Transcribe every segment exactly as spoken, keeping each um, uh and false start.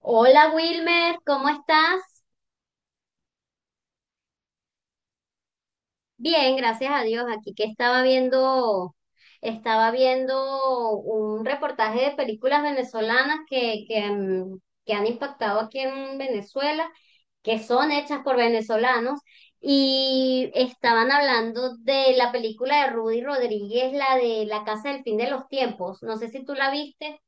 Hola Wilmer, ¿cómo estás? Bien, gracias a Dios. Aquí que estaba viendo, estaba viendo un reportaje de películas venezolanas que, que, mm, que han impactado aquí en Venezuela, que son hechas por venezolanos, y estaban hablando de la película de Rudy Rodríguez, la de La Casa del Fin de los Tiempos. No sé si tú la viste.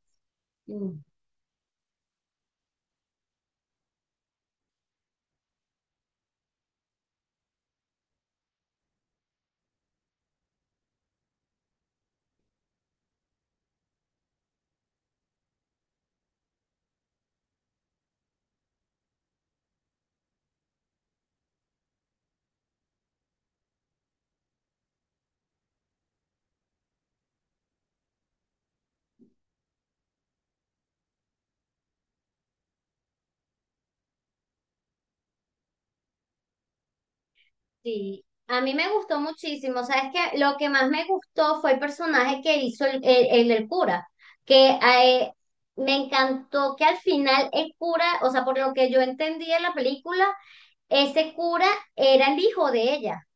Sí, a mí me gustó muchísimo. Sabes que lo que más me gustó fue el personaje que hizo el, el, el del cura, que eh, me encantó que al final el cura, o sea, por lo que yo entendí en la película, ese cura era el hijo de ella.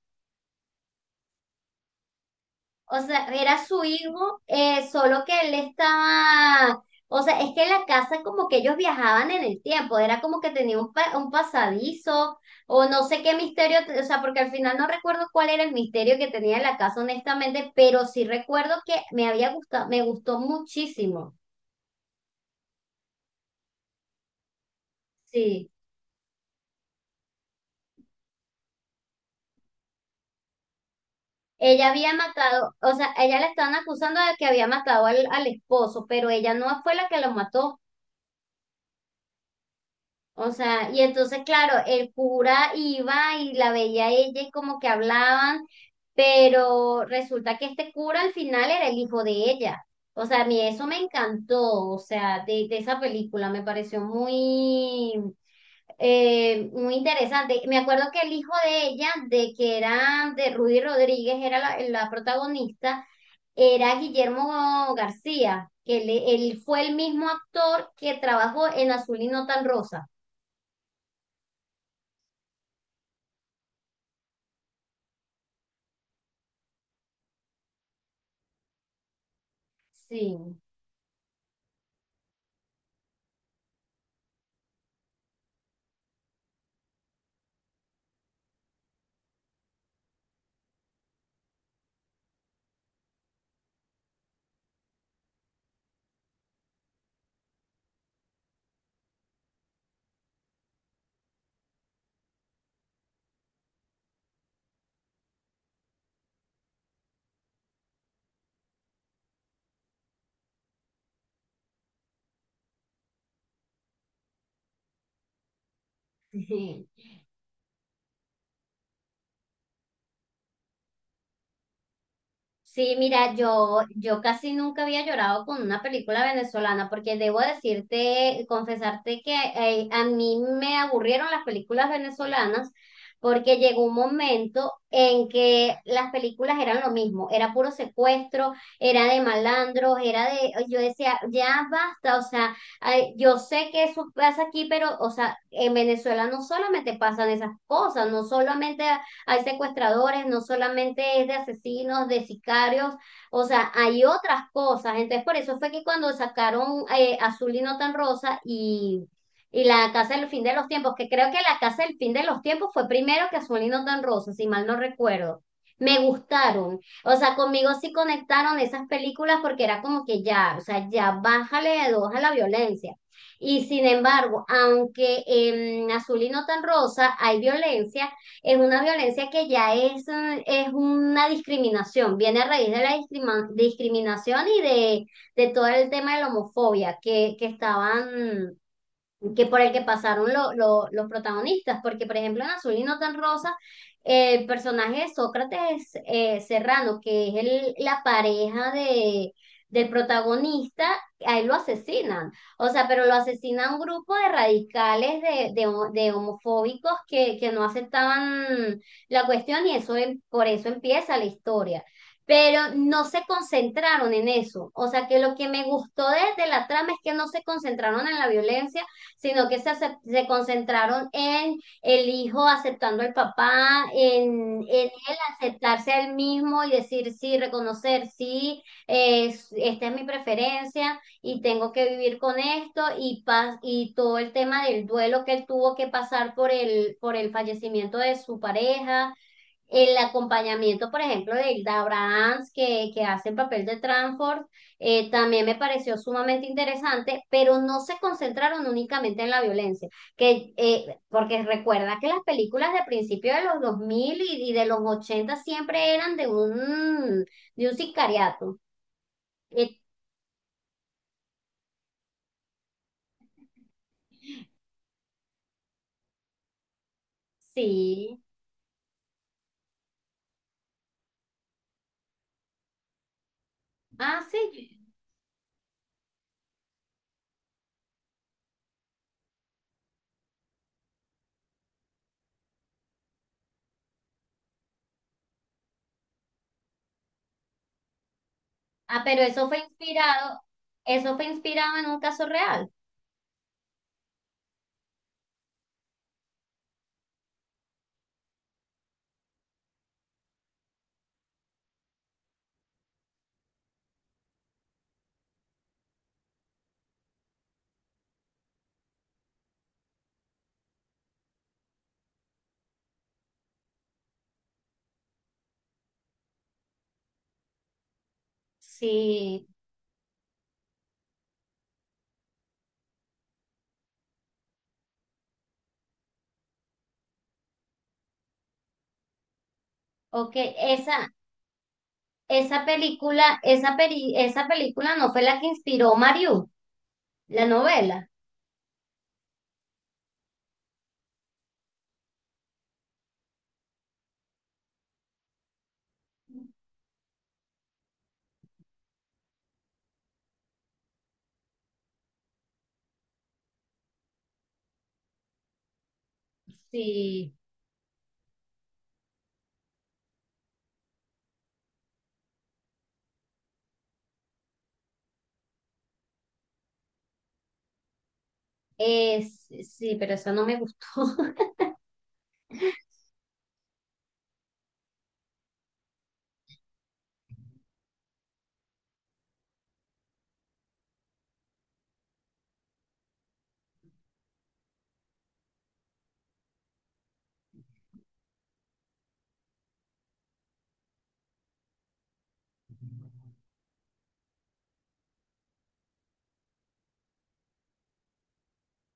O sea, era su hijo, eh, solo que él estaba, o sea, es que la casa como que ellos viajaban en el tiempo, era como que tenía un, pa- un pasadizo o no sé qué misterio, o sea, porque al final no recuerdo cuál era el misterio que tenía la casa honestamente, pero sí recuerdo que me había gustado, me gustó muchísimo. Sí, ella había matado, o sea, ella la estaban acusando de que había matado al, al esposo, pero ella no fue la que lo mató. O sea, y entonces, claro, el cura iba y la veía a ella y como que hablaban, pero resulta que este cura al final era el hijo de ella. O sea, a mí eso me encantó, o sea, de, de esa película me pareció muy, eh, muy interesante. Me acuerdo que el hijo de ella, de que era de Rudy Rodríguez, era la, la protagonista, era Guillermo García, que él, él fue el mismo actor que trabajó en Azul y no tan rosa. Sí. Sí, mira, yo, yo casi nunca había llorado con una película venezolana porque debo decirte, confesarte que eh, a mí me aburrieron las películas venezolanas porque llegó un momento en que las películas eran lo mismo, era puro secuestro, era de malandros, era de, yo decía, ya basta, o sea, ay, yo sé que eso pasa aquí, pero, o sea, en Venezuela no solamente pasan esas cosas, no solamente hay secuestradores, no solamente es de asesinos, de sicarios, o sea, hay otras cosas. Entonces, por eso fue que cuando sacaron eh, Azul y no tan rosa y, y La Casa del Fin de los Tiempos, que creo que La Casa del Fin de los Tiempos fue primero que Azul y no tan rosa, si mal no recuerdo. Me gustaron, o sea, conmigo sí conectaron esas películas porque era como que ya, o sea, ya bájale de dos a la violencia. Y sin embargo, aunque en Azul y no tan rosa hay violencia, es una violencia que ya es, eh, es una discriminación, viene a raíz de la discrima- discriminación y de, de todo el tema de la homofobia que, que estaban, que por el que pasaron lo- lo- los protagonistas, porque por ejemplo en Azul y no tan rosa, eh, el personaje de Sócrates eh, Serrano, que es el- la pareja de, del protagonista, a él lo asesinan, o sea, pero lo asesina un grupo de radicales, de, de, ho- de homofóbicos que, que no aceptaban la cuestión, y eso em- por eso empieza la historia. Pero no se concentraron en eso. O sea que lo que me gustó de, de la trama es que no se concentraron en la violencia, sino que se, acep- se concentraron en el hijo aceptando al papá, en, en él aceptarse a él mismo y decir sí, reconocer sí, es- esta es mi preferencia y tengo que vivir con esto, y, pas- y todo el tema del duelo que él tuvo que pasar por el, por el fallecimiento de su pareja, el acompañamiento, por ejemplo, de Hilda Abrahams, que, que hace el papel de Tranford, eh, también me pareció sumamente interesante, pero no se concentraron únicamente en la violencia, que, eh, porque recuerda que las películas de principio de los dos mil y, y de los ochenta siempre eran de un, de un sicariato. Eh, sí. Ah, sí. Ah, pero eso fue inspirado, eso fue inspirado en un caso real. Sí, ok. Esa, Esa película, esa peri- esa película no fue la que inspiró Mario, la novela. Sí. Es, sí, pero esa no me gustó.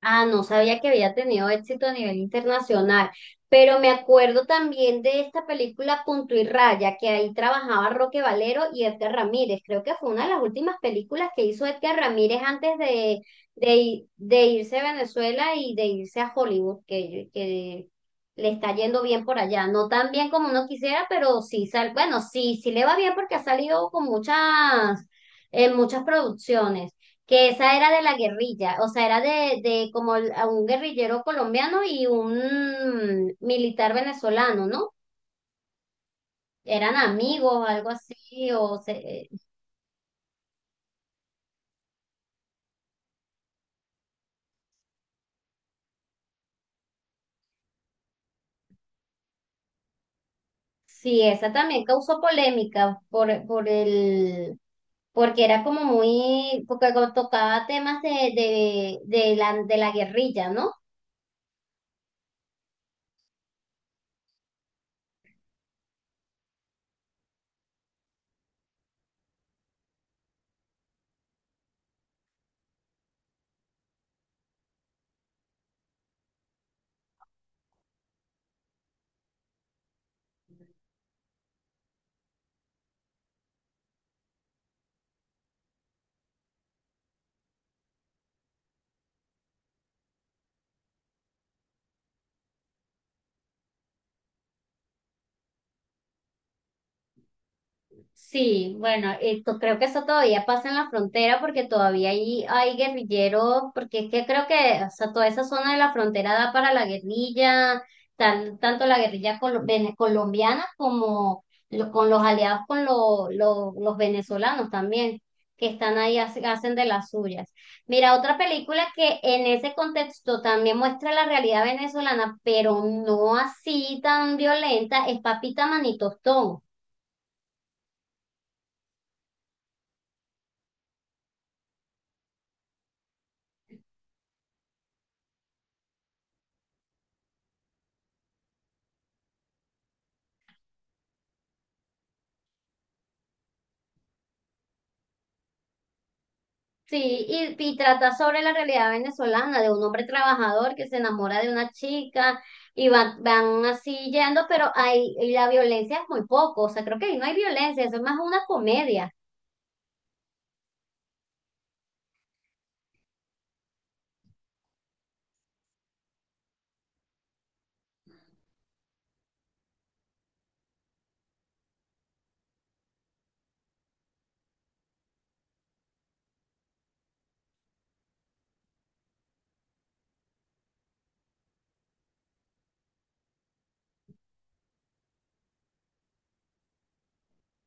Ah, no sabía que había tenido éxito a nivel internacional, pero me acuerdo también de esta película Punto y Raya, que ahí trabajaba Roque Valero y Edgar Ramírez. Creo que fue una de las últimas películas que hizo Edgar Ramírez antes de, de, i- de irse a Venezuela y de irse a Hollywood, que, que le está yendo bien por allá. No tan bien como uno quisiera, pero sí, sal, bueno, sí, sí le va bien porque ha salido con muchas, en muchas producciones, que esa era de la guerrilla, o sea, era de, de como el- a un guerrillero colombiano y un militar venezolano, ¿no? Eran amigos, algo así, o se, sí, esa también causó polémica por, por el, porque era como muy, porque co- tocaba temas de, de, de la, de la guerrilla, ¿no? Sí, bueno, esto, creo que eso todavía pasa en la frontera porque todavía ahí hay guerrilleros, porque es que creo que, o sea, toda esa zona de la frontera da para la guerrilla, tan- tanto la guerrilla colo- vene- colombiana como lo- con los aliados con lo- lo- los venezolanos también, que están ahí, hace- hacen de las suyas. Mira, otra película que en ese contexto también muestra la realidad venezolana, pero no así tan violenta, es Papita Manitostón. Sí, y, y trata sobre la realidad venezolana, de un hombre trabajador que se enamora de una chica y van, van así yendo, pero hay, y la violencia es muy poco, o sea, creo que ahí no hay violencia, eso es más una comedia.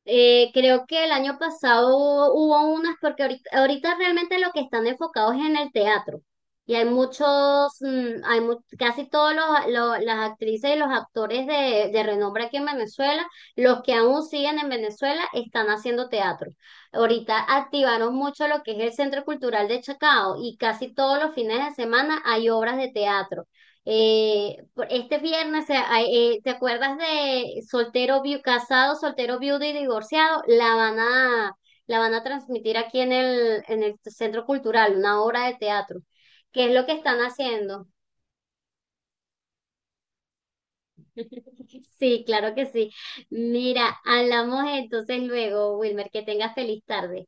Eh, creo que el año pasado hubo unas, porque ahorita, ahorita realmente lo que están enfocados es en el teatro, y hay muchos, mm, hay mu- casi todos los, lo- las actrices y los actores de, de renombre aquí en Venezuela, los que aún siguen en Venezuela están haciendo teatro. Ahorita activaron mucho lo que es el Centro Cultural de Chacao y casi todos los fines de semana hay obras de teatro. Eh, por- este viernes, eh, hay- eh, ¿te acuerdas de Soltero Viu- Casado, Soltero Viudo y Divorciado? La van a, la van a transmitir aquí en el, en el Centro Cultural, una obra de teatro. ¿Qué es lo que están haciendo? Sí, claro que sí. Mira, hablamos entonces luego, Wilmer, que tengas feliz tarde.